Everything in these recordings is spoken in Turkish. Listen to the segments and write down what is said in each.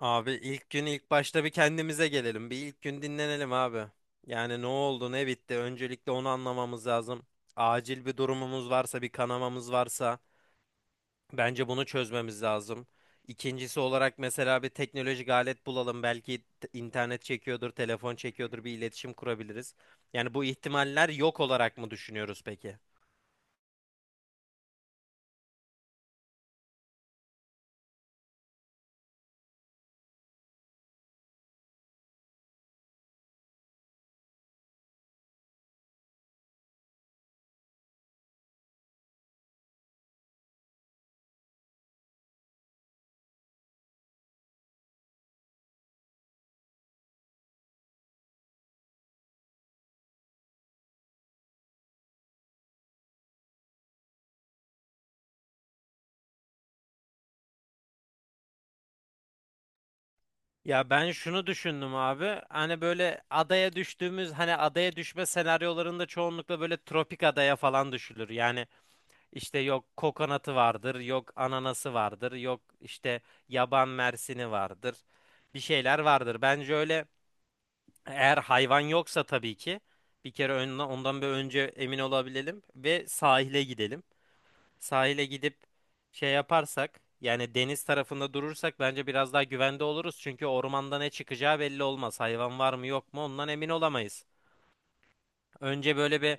Abi ilk gün ilk başta bir kendimize gelelim. Bir ilk gün dinlenelim abi. Yani ne oldu ne bitti öncelikle onu anlamamız lazım. Acil bir durumumuz varsa bir kanamamız varsa bence bunu çözmemiz lazım. İkincisi olarak mesela bir teknolojik alet bulalım. Belki internet çekiyordur, telefon çekiyordur bir iletişim kurabiliriz. Yani bu ihtimaller yok olarak mı düşünüyoruz peki? Ya ben şunu düşündüm abi. Hani böyle adaya düştüğümüz hani adaya düşme senaryolarında çoğunlukla böyle tropik adaya falan düşülür. Yani işte yok kokonatı vardır, yok ananası vardır, yok işte yaban mersini vardır. Bir şeyler vardır. Bence öyle eğer hayvan yoksa tabii ki bir kere ondan bir önce emin olabilelim ve sahile gidelim, sahile gidip şey yaparsak yani deniz tarafında durursak bence biraz daha güvende oluruz. Çünkü ormanda ne çıkacağı belli olmaz. Hayvan var mı yok mu ondan emin olamayız. Önce böyle bir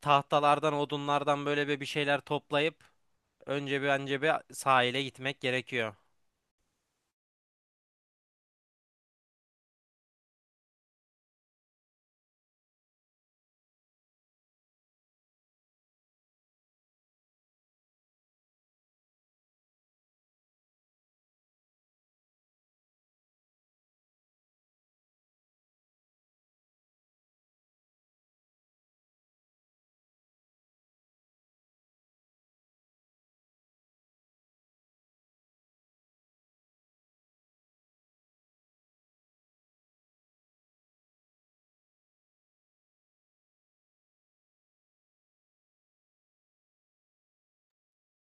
tahtalardan odunlardan böyle bir şeyler toplayıp önce bir sahile gitmek gerekiyor.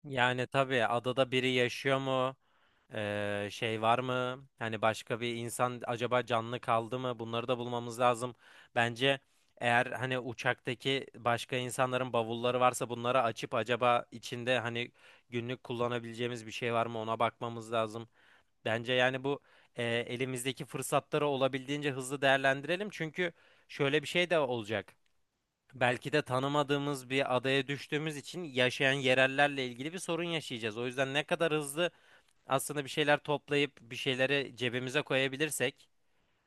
Yani tabii adada biri yaşıyor mu? Şey var mı? Hani başka bir insan acaba canlı kaldı mı? Bunları da bulmamız lazım. Bence eğer hani uçaktaki başka insanların bavulları varsa bunları açıp acaba içinde hani günlük kullanabileceğimiz bir şey var mı ona bakmamız lazım. Bence yani bu elimizdeki fırsatları olabildiğince hızlı değerlendirelim. Çünkü şöyle bir şey de olacak. Belki de tanımadığımız bir adaya düştüğümüz için yaşayan yerellerle ilgili bir sorun yaşayacağız. O yüzden ne kadar hızlı aslında bir şeyler toplayıp bir şeyleri cebimize koyabilirsek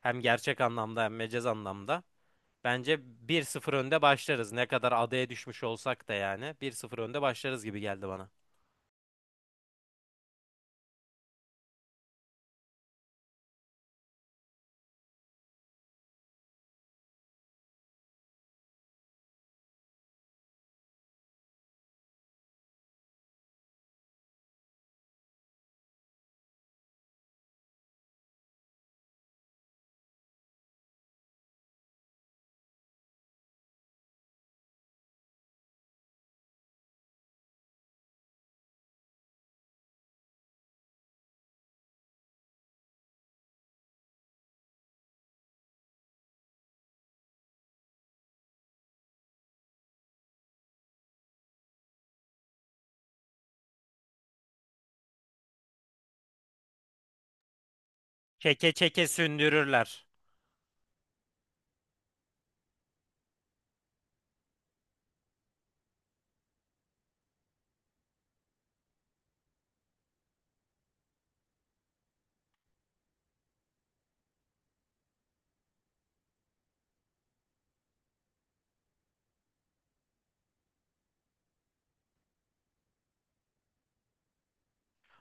hem gerçek anlamda hem mecaz anlamda bence bir sıfır önde başlarız. Ne kadar adaya düşmüş olsak da yani bir sıfır önde başlarız gibi geldi bana. Çeke çeke sündürürler.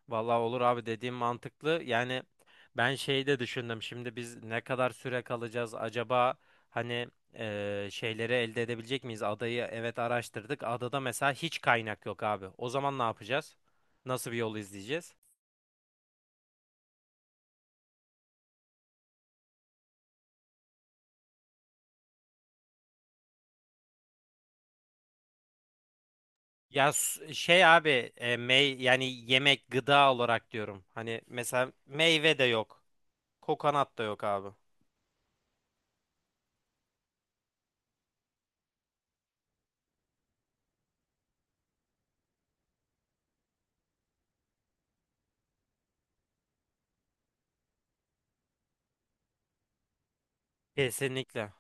Vallahi olur abi, dediğim mantıklı. Yani ben şeyi de düşündüm. Şimdi biz ne kadar süre kalacağız acaba? Hani şeyleri elde edebilecek miyiz? Adayı evet araştırdık. Adada mesela hiç kaynak yok abi. O zaman ne yapacağız? Nasıl bir yol izleyeceğiz? Ya s- e, şey abi e, mey yani yemek, gıda olarak diyorum. Hani mesela meyve de yok. Kokonat da yok abi. Kesinlikle.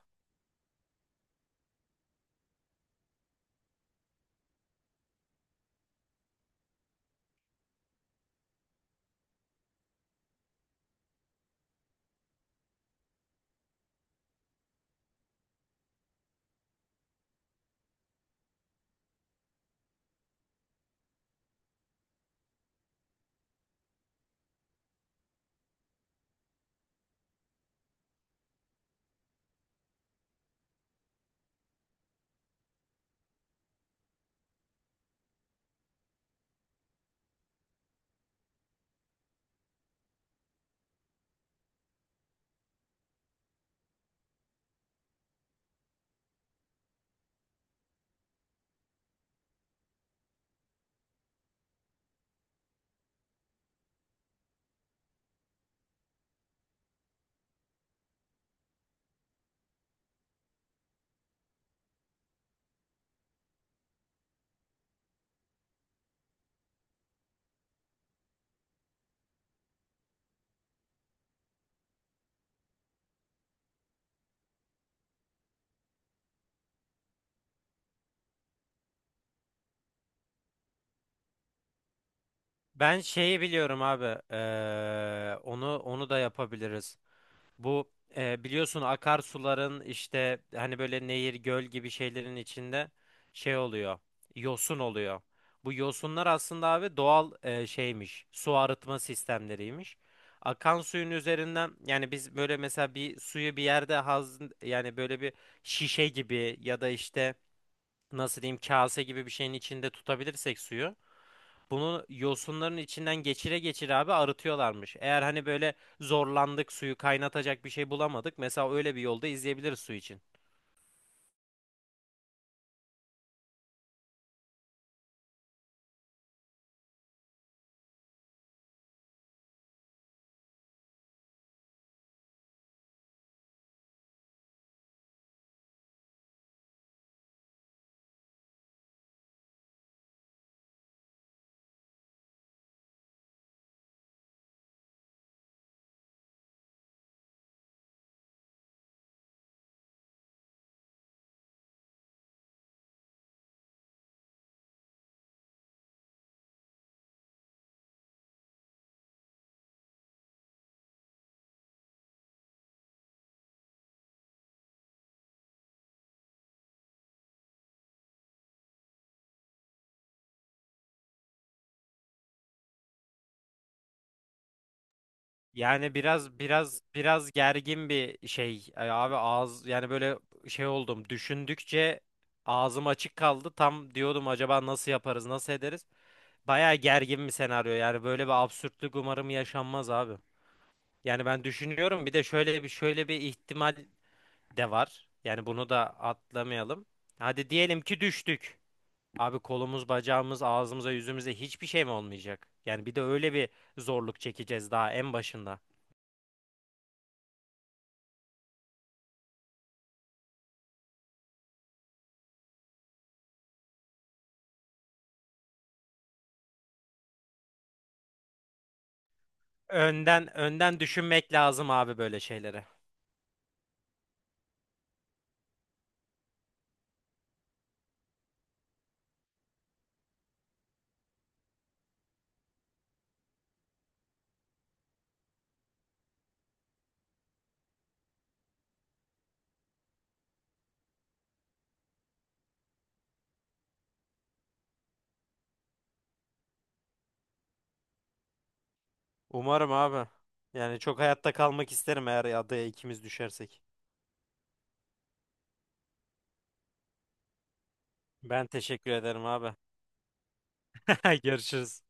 Ben şeyi biliyorum abi. Onu da yapabiliriz. Bu biliyorsun akarsuların işte hani böyle nehir, göl gibi şeylerin içinde şey oluyor. Yosun oluyor. Bu yosunlar aslında abi doğal şeymiş. Su arıtma sistemleriymiş. Akan suyun üzerinden yani biz böyle mesela bir suyu bir yerde yani böyle bir şişe gibi ya da işte nasıl diyeyim kase gibi bir şeyin içinde tutabilirsek suyu, bunu yosunların içinden geçire geçire abi arıtıyorlarmış. Eğer hani böyle zorlandık, suyu kaynatacak bir şey bulamadık, mesela öyle bir yolda izleyebiliriz su için. Yani biraz gergin bir şey abi ağız, yani böyle şey oldum, düşündükçe ağzım açık kaldı tam, diyordum acaba nasıl yaparız nasıl ederiz, baya gergin bir senaryo. Yani böyle bir absürtlük umarım yaşanmaz abi. Yani ben düşünüyorum, bir de şöyle bir ihtimal de var. Yani bunu da atlamayalım. Hadi diyelim ki düştük. Abi kolumuz, bacağımız, ağzımıza, yüzümüze hiçbir şey mi olmayacak? Yani bir de öyle bir zorluk çekeceğiz daha en başında. Önden düşünmek lazım abi böyle şeylere. Umarım abi. Yani çok hayatta kalmak isterim eğer adaya ikimiz düşersek. Ben teşekkür ederim abi. Görüşürüz.